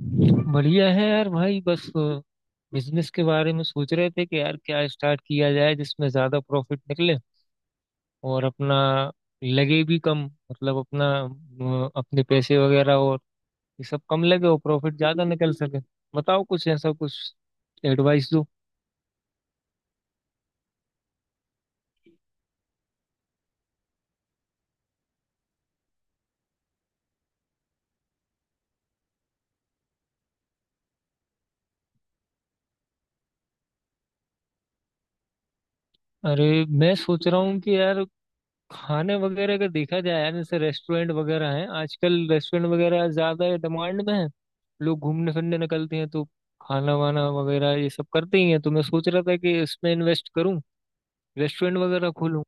बढ़िया है यार भाई बस बिजनेस के बारे में सोच रहे थे कि यार क्या स्टार्ट किया जाए जिसमें ज्यादा प्रॉफिट निकले और अपना लगे भी कम, मतलब अपना अपने पैसे वगैरह और ये सब कम लगे और प्रॉफिट ज्यादा निकल सके। बताओ कुछ ऐसा कुछ एडवाइस दो। अरे मैं सोच रहा हूँ कि यार खाने वगैरह का देखा जाए यार, जैसे रेस्टोरेंट वगैरह हैं, आजकल रेस्टोरेंट वगैरह ज्यादा डिमांड में है। लोग घूमने फिरने निकलते हैं तो खाना वाना वगैरह ये सब करते ही हैं, तो मैं सोच रहा था कि इसमें इन्वेस्ट करूं, रेस्टोरेंट वगैरह खोलूं।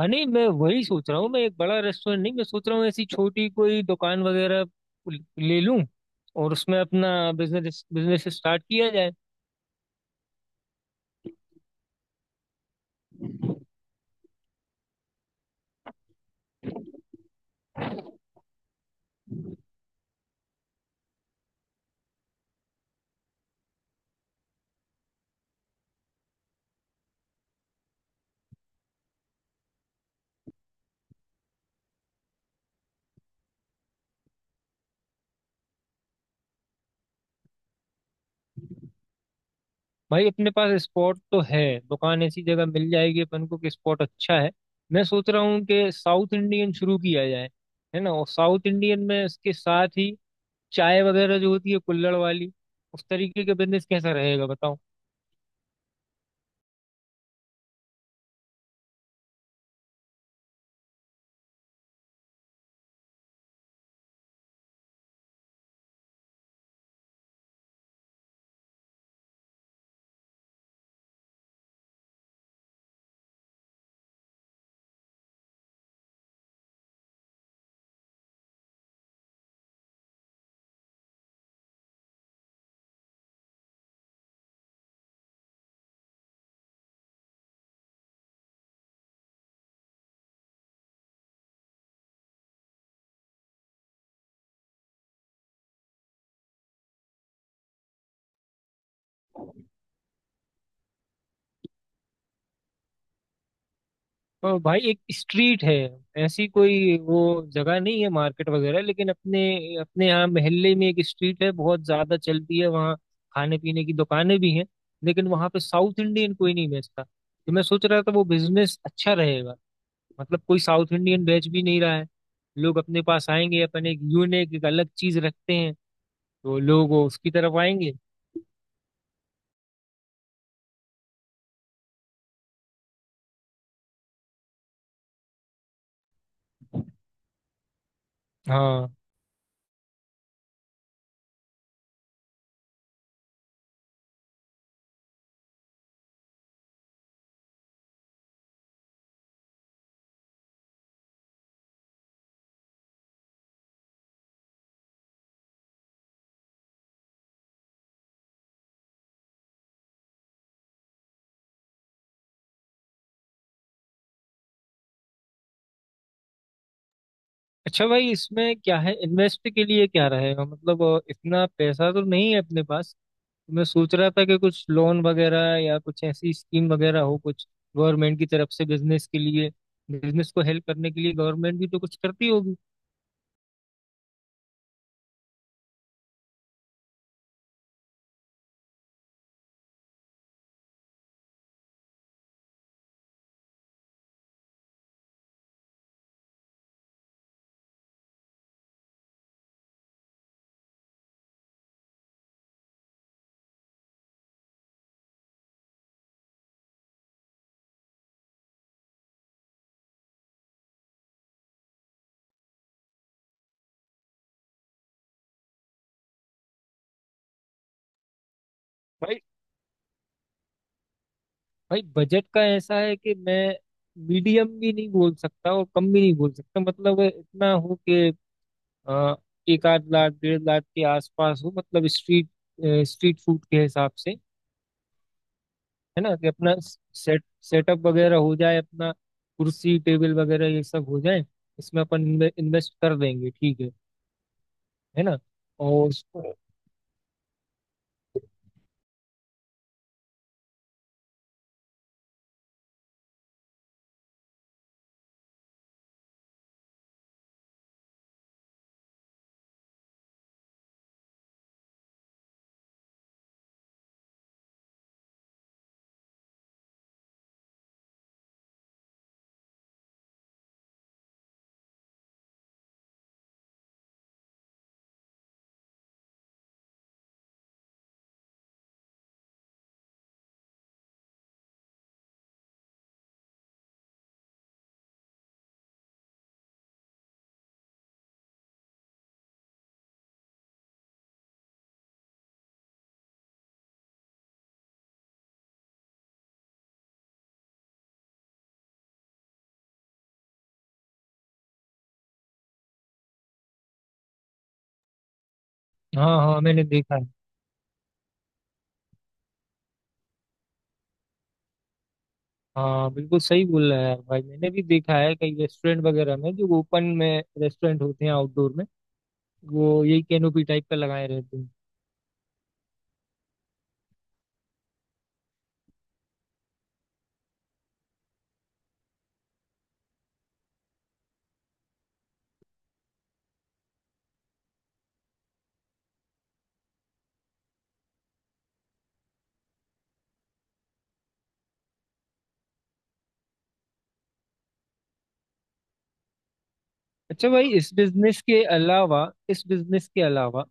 हाँ नहीं मैं वही सोच रहा हूँ, मैं एक बड़ा रेस्टोरेंट नहीं, मैं सोच रहा हूँ ऐसी छोटी कोई दुकान वगैरह ले लूं और उसमें अपना बिजनेस बिजनेस स्टार्ट किया जाए। भाई अपने पास स्पॉट तो है, दुकान ऐसी जगह मिल जाएगी अपन को कि स्पॉट अच्छा है। मैं सोच रहा हूँ कि साउथ इंडियन शुरू किया जाए, है ना, और साउथ इंडियन में इसके साथ ही चाय वगैरह जो होती है कुल्हड़ वाली, उस तरीके का बिजनेस कैसा रहेगा बताओ। और भाई एक स्ट्रीट है, ऐसी कोई वो जगह नहीं है मार्केट वगैरह, लेकिन अपने अपने यहाँ मोहल्ले में एक स्ट्रीट है बहुत ज्यादा चलती है वहाँ। खाने पीने की दुकानें भी हैं, लेकिन वहाँ पे साउथ इंडियन कोई नहीं बेचता, तो मैं सोच रहा था वो बिजनेस अच्छा रहेगा। मतलब कोई साउथ इंडियन बैच भी नहीं रहा है, लोग अपने पास आएंगे, अपन एक यूनिक एक अलग चीज रखते हैं तो लोग वो उसकी तरफ आएंगे। हाँ। अच्छा भाई इसमें क्या है, इन्वेस्ट के लिए क्या रहेगा, मतलब इतना पैसा तो नहीं है अपने पास, तो मैं सोच रहा था कि कुछ लोन वगैरह या कुछ ऐसी स्कीम वगैरह हो कुछ गवर्नमेंट की तरफ से, बिजनेस के लिए, बिजनेस को हेल्प करने के लिए गवर्नमेंट भी तो कुछ करती होगी। भाई। भाई, बजट का ऐसा है कि मैं मीडियम भी नहीं बोल सकता और कम भी नहीं बोल सकता, मतलब इतना हो कि अ, एक आध लाख 1.5 लाख के आसपास हो। मतलब स्ट्रीट स्ट्रीट फूड के हिसाब से, है ना, कि अपना सेटअप वगैरह हो जाए अपना, कुर्सी टेबल वगैरह ये सब हो जाए, इसमें अपन इन्वेस्ट कर देंगे, ठीक है ना और उसको। हाँ हाँ मैंने देखा है। हाँ बिल्कुल सही बोल रहा है यार भाई, मैंने भी देखा है कई रेस्टोरेंट वगैरह में, जो ओपन में रेस्टोरेंट होते हैं आउटडोर में, वो यही कैनोपी टाइप का लगाए रहते हैं। अच्छा भाई इस बिजनेस के अलावा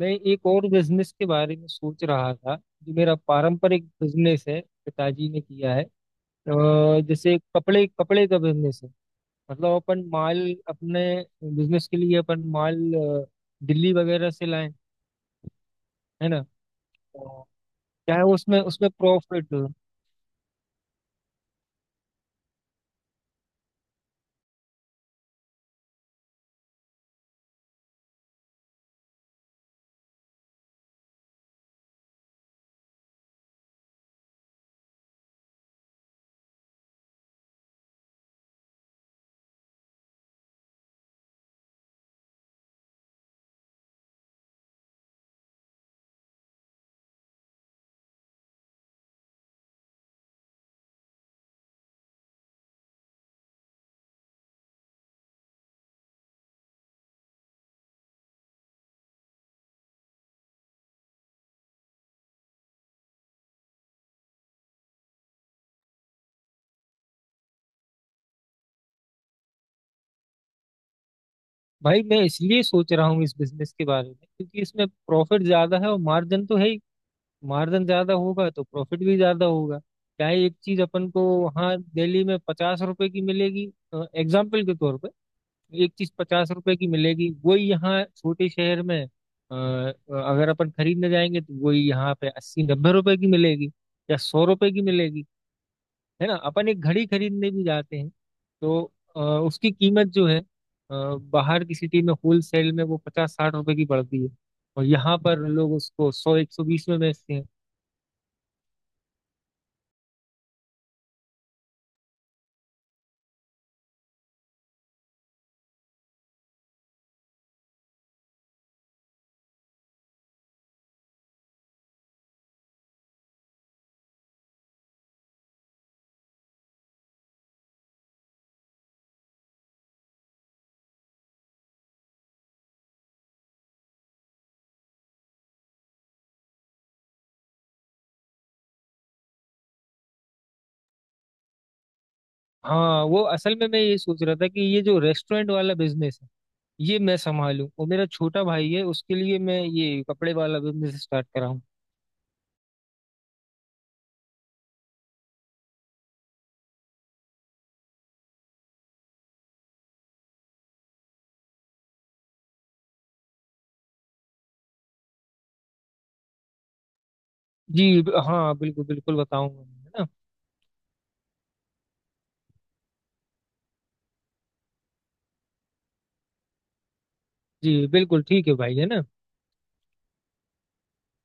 मैं एक और बिजनेस के बारे में सोच रहा था, जो मेरा पारंपरिक बिजनेस है, पिताजी ने किया है। जैसे कपड़े कपड़े का बिजनेस है, मतलब अपन माल अपने बिजनेस के लिए अपन माल दिल्ली वगैरह से लाएं, है ना, तो क्या है उसमें उसमें प्रॉफिट। भाई मैं इसलिए सोच रहा हूँ इस बिजनेस के बारे में, क्योंकि इसमें प्रॉफिट ज्यादा है और मार्जिन तो है ही, मार्जिन ज्यादा होगा तो प्रॉफिट भी ज्यादा होगा। क्या है, एक चीज अपन को वहाँ दिल्ली में 50 रुपए की मिलेगी, एग्जाम्पल के तौर पे। एक चीज 50 रुपए की मिलेगी, वही यहाँ छोटे शहर में अगर अपन खरीदने जाएंगे तो वही यहाँ पे 80-90 रुपए की मिलेगी या 100 रुपए की मिलेगी। है ना, अपन एक घड़ी खरीदने भी जाते हैं तो उसकी कीमत जो है बाहर की सिटी में होल सेल में वो 50-60 रुपए की पड़ती है और यहाँ पर लोग उसको 100-120 में बेचते हैं। हाँ वो असल में मैं ये सोच रहा था कि ये जो रेस्टोरेंट वाला बिजनेस है ये मैं संभालूं, और मेरा छोटा भाई है उसके लिए मैं ये कपड़े वाला बिजनेस स्टार्ट कराऊं। जी हाँ बिल्कुल बिल्कुल बताऊंगा, है ना। जी बिल्कुल ठीक है भाई, है ना।